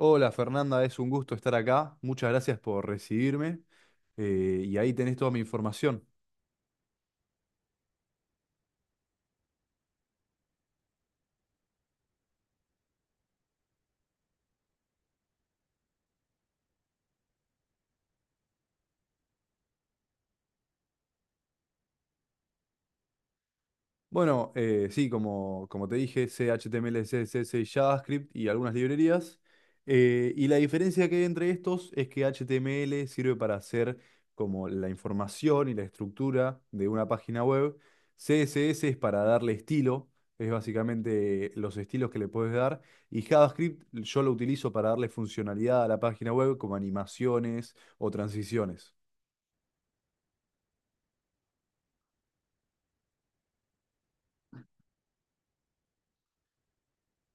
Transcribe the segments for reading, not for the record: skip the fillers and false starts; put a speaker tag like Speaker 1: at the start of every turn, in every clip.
Speaker 1: Hola Fernanda, es un gusto estar acá. Muchas gracias por recibirme. Y ahí tenés toda mi información. Bueno, sí, como te dije, C, HTML, CSS y JavaScript y algunas librerías. Y la diferencia que hay entre estos es que HTML sirve para hacer como la información y la estructura de una página web. CSS es para darle estilo, es básicamente los estilos que le puedes dar. Y JavaScript yo lo utilizo para darle funcionalidad a la página web como animaciones o transiciones.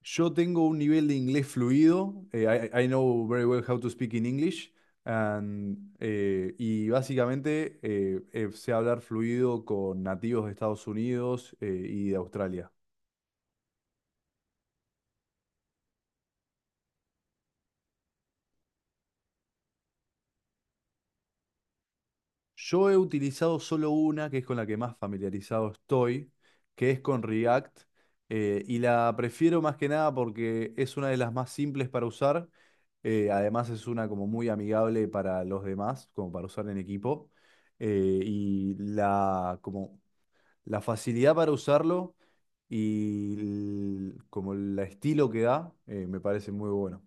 Speaker 1: Yo tengo un nivel de inglés fluido. I know very well how to speak in English. And y básicamente sé hablar fluido con nativos de Estados Unidos y de Australia. Yo he utilizado solo una, que es con la que más familiarizado estoy, que es con React, y la prefiero más que nada porque es una de las más simples para usar, además es una como muy amigable para los demás, como para usar en equipo, eh, y la, como, la facilidad para usarlo y como el estilo que da, me parece muy bueno.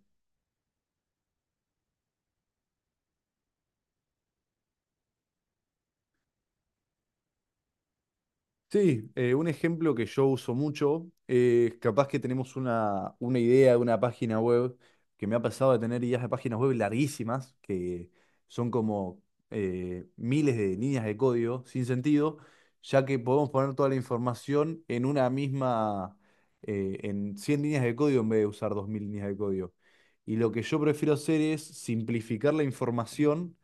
Speaker 1: Sí, un ejemplo que yo uso mucho es capaz que tenemos una idea de una página web, que me ha pasado de tener ideas de páginas web larguísimas, que son como miles de líneas de código sin sentido, ya que podemos poner toda la información en una misma, en 100 líneas de código en vez de usar 2000 líneas de código. Y lo que yo prefiero hacer es simplificar la información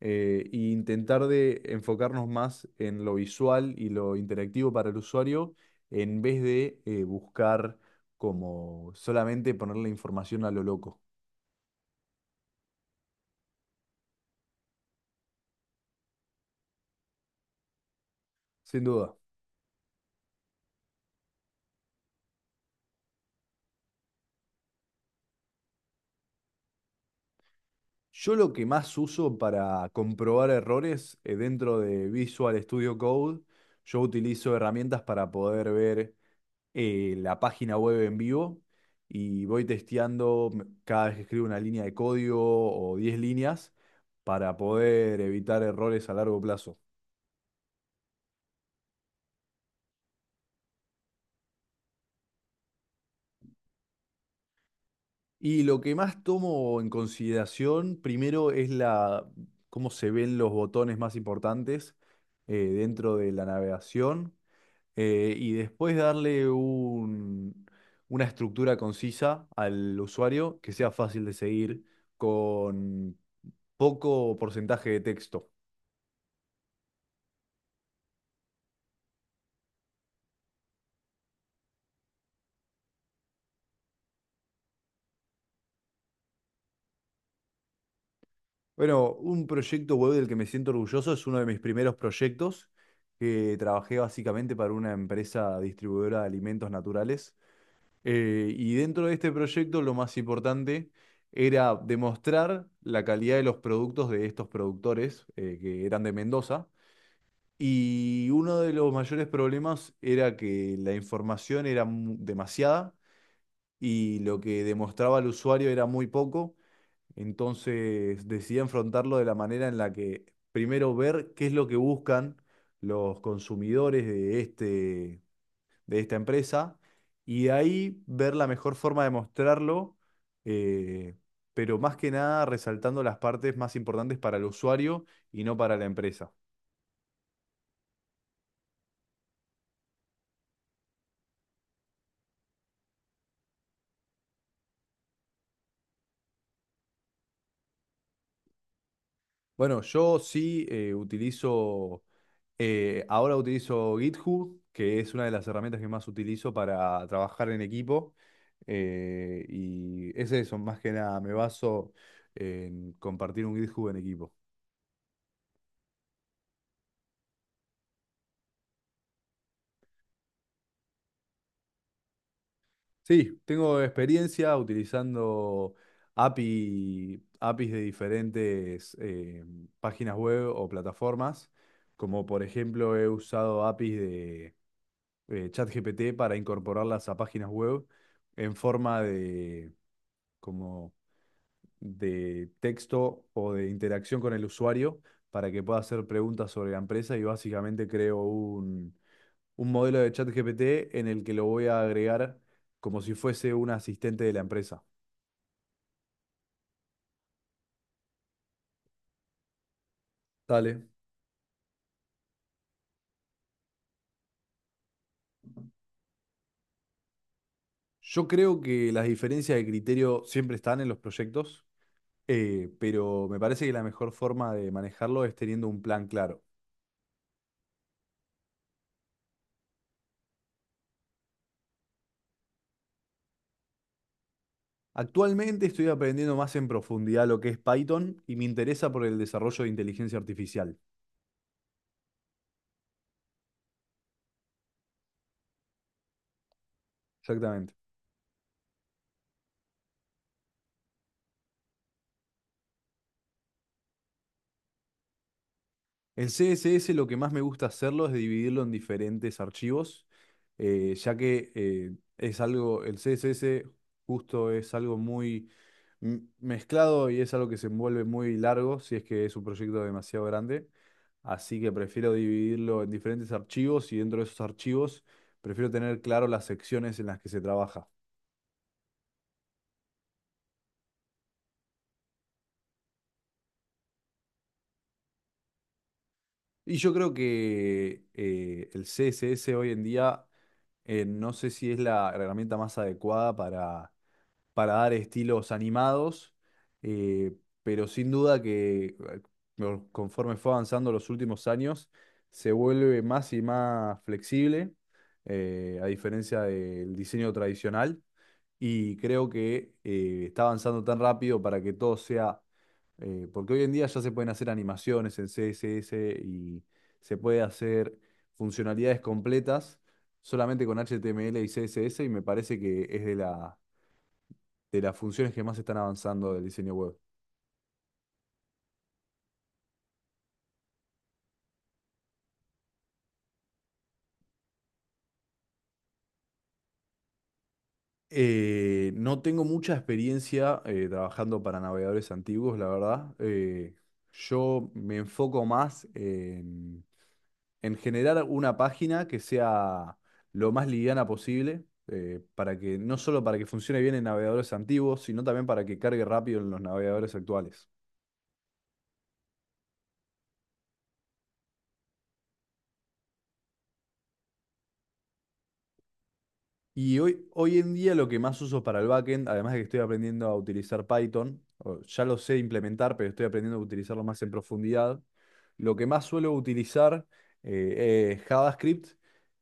Speaker 1: e intentar de enfocarnos más en lo visual y lo interactivo para el usuario en vez de buscar como solamente ponerle información a lo loco. Sin duda. Yo lo que más uso para comprobar errores dentro de Visual Studio Code, yo utilizo herramientas para poder ver la página web en vivo y voy testeando cada vez que escribo una línea de código o 10 líneas para poder evitar errores a largo plazo. Y lo que más tomo en consideración primero es la, cómo se ven los botones más importantes dentro de la navegación y después una estructura concisa al usuario que sea fácil de seguir con poco porcentaje de texto. Bueno, un proyecto web del que me siento orgulloso es uno de mis primeros proyectos, que trabajé básicamente para una empresa distribuidora de alimentos naturales. Y dentro de este proyecto lo más importante era demostrar la calidad de los productos de estos productores, que eran de Mendoza. Y uno de los mayores problemas era que la información era demasiada y lo que demostraba al usuario era muy poco. Entonces decidí enfrentarlo de la manera en la que primero ver qué es lo que buscan los consumidores de de esta empresa y de ahí ver la mejor forma de mostrarlo, eh, pero más que nada resaltando las partes más importantes para el usuario y no para la empresa. Bueno, yo sí ahora utilizo GitHub, que es una de las herramientas que más utilizo para trabajar en equipo. Y es eso, más que nada, me baso en compartir un GitHub en equipo. Sí, tengo experiencia utilizando APIs de diferentes páginas web o plataformas, como por ejemplo he usado APIs de... ChatGPT para incorporarlas a páginas web en forma de, como de texto o de interacción con el usuario para que pueda hacer preguntas sobre la empresa y básicamente creo un modelo de ChatGPT en el que lo voy a agregar como si fuese un asistente de la empresa. Dale. Yo creo que las diferencias de criterio siempre están en los proyectos, pero me parece que la mejor forma de manejarlo es teniendo un plan claro. Actualmente estoy aprendiendo más en profundidad lo que es Python y me interesa por el desarrollo de inteligencia artificial. Exactamente. En CSS lo que más me gusta hacerlo es dividirlo en diferentes archivos, ya que es algo, el CSS justo es algo muy mezclado y es algo que se envuelve muy largo si es que es un proyecto demasiado grande. Así que prefiero dividirlo en diferentes archivos y dentro de esos archivos prefiero tener claro las secciones en las que se trabaja. Y yo creo que el CSS hoy en día, no sé si es la herramienta más adecuada para dar estilos animados, eh, pero sin duda que conforme fue avanzando los últimos años, se vuelve más y más flexible, a diferencia del diseño tradicional, y creo que está avanzando tan rápido para que todo sea, porque hoy en día ya se pueden hacer animaciones en CSS y se puede hacer funcionalidades completas solamente con HTML y CSS y me parece que es de la de las funciones que más están avanzando del diseño web. No tengo mucha experiencia trabajando para navegadores antiguos, la verdad. Yo me enfoco más en generar una página que sea lo más liviana posible, para que no solo para que funcione bien en navegadores antiguos, sino también para que cargue rápido en los navegadores actuales. Y hoy en día lo que más uso para el backend, además de que estoy aprendiendo a utilizar Python, o ya lo sé implementar, pero estoy aprendiendo a utilizarlo más en profundidad, lo que más suelo utilizar es JavaScript,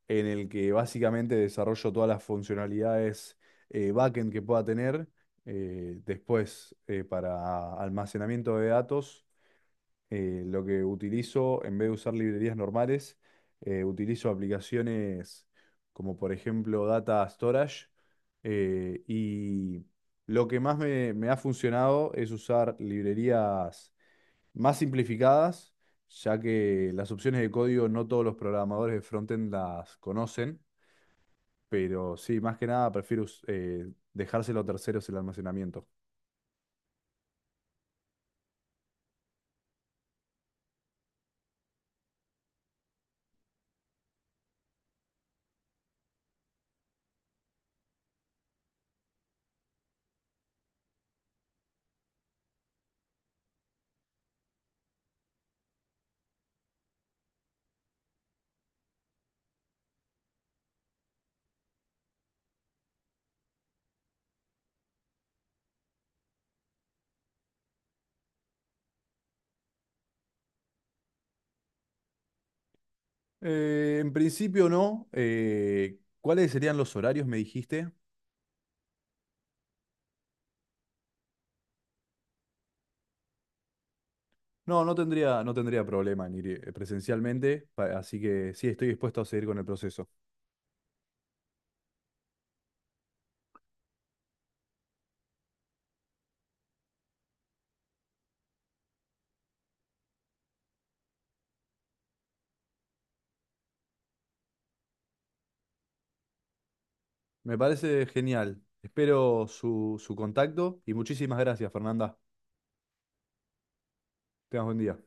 Speaker 1: en el que básicamente desarrollo todas las funcionalidades backend que pueda tener, después para almacenamiento de datos lo que utilizo, en vez de usar librerías normales, utilizo aplicaciones como por ejemplo Data Storage. Y lo que más me ha funcionado es usar librerías más simplificadas, ya que las opciones de código no todos los programadores de frontend las conocen, pero sí, más que nada prefiero dejárselo a terceros el almacenamiento. En principio no. ¿Cuáles serían los horarios, me dijiste? No, no tendría problema en ir presencialmente, así que sí, estoy dispuesto a seguir con el proceso. Me parece genial. Espero su contacto y muchísimas gracias, Fernanda. Tengas buen día.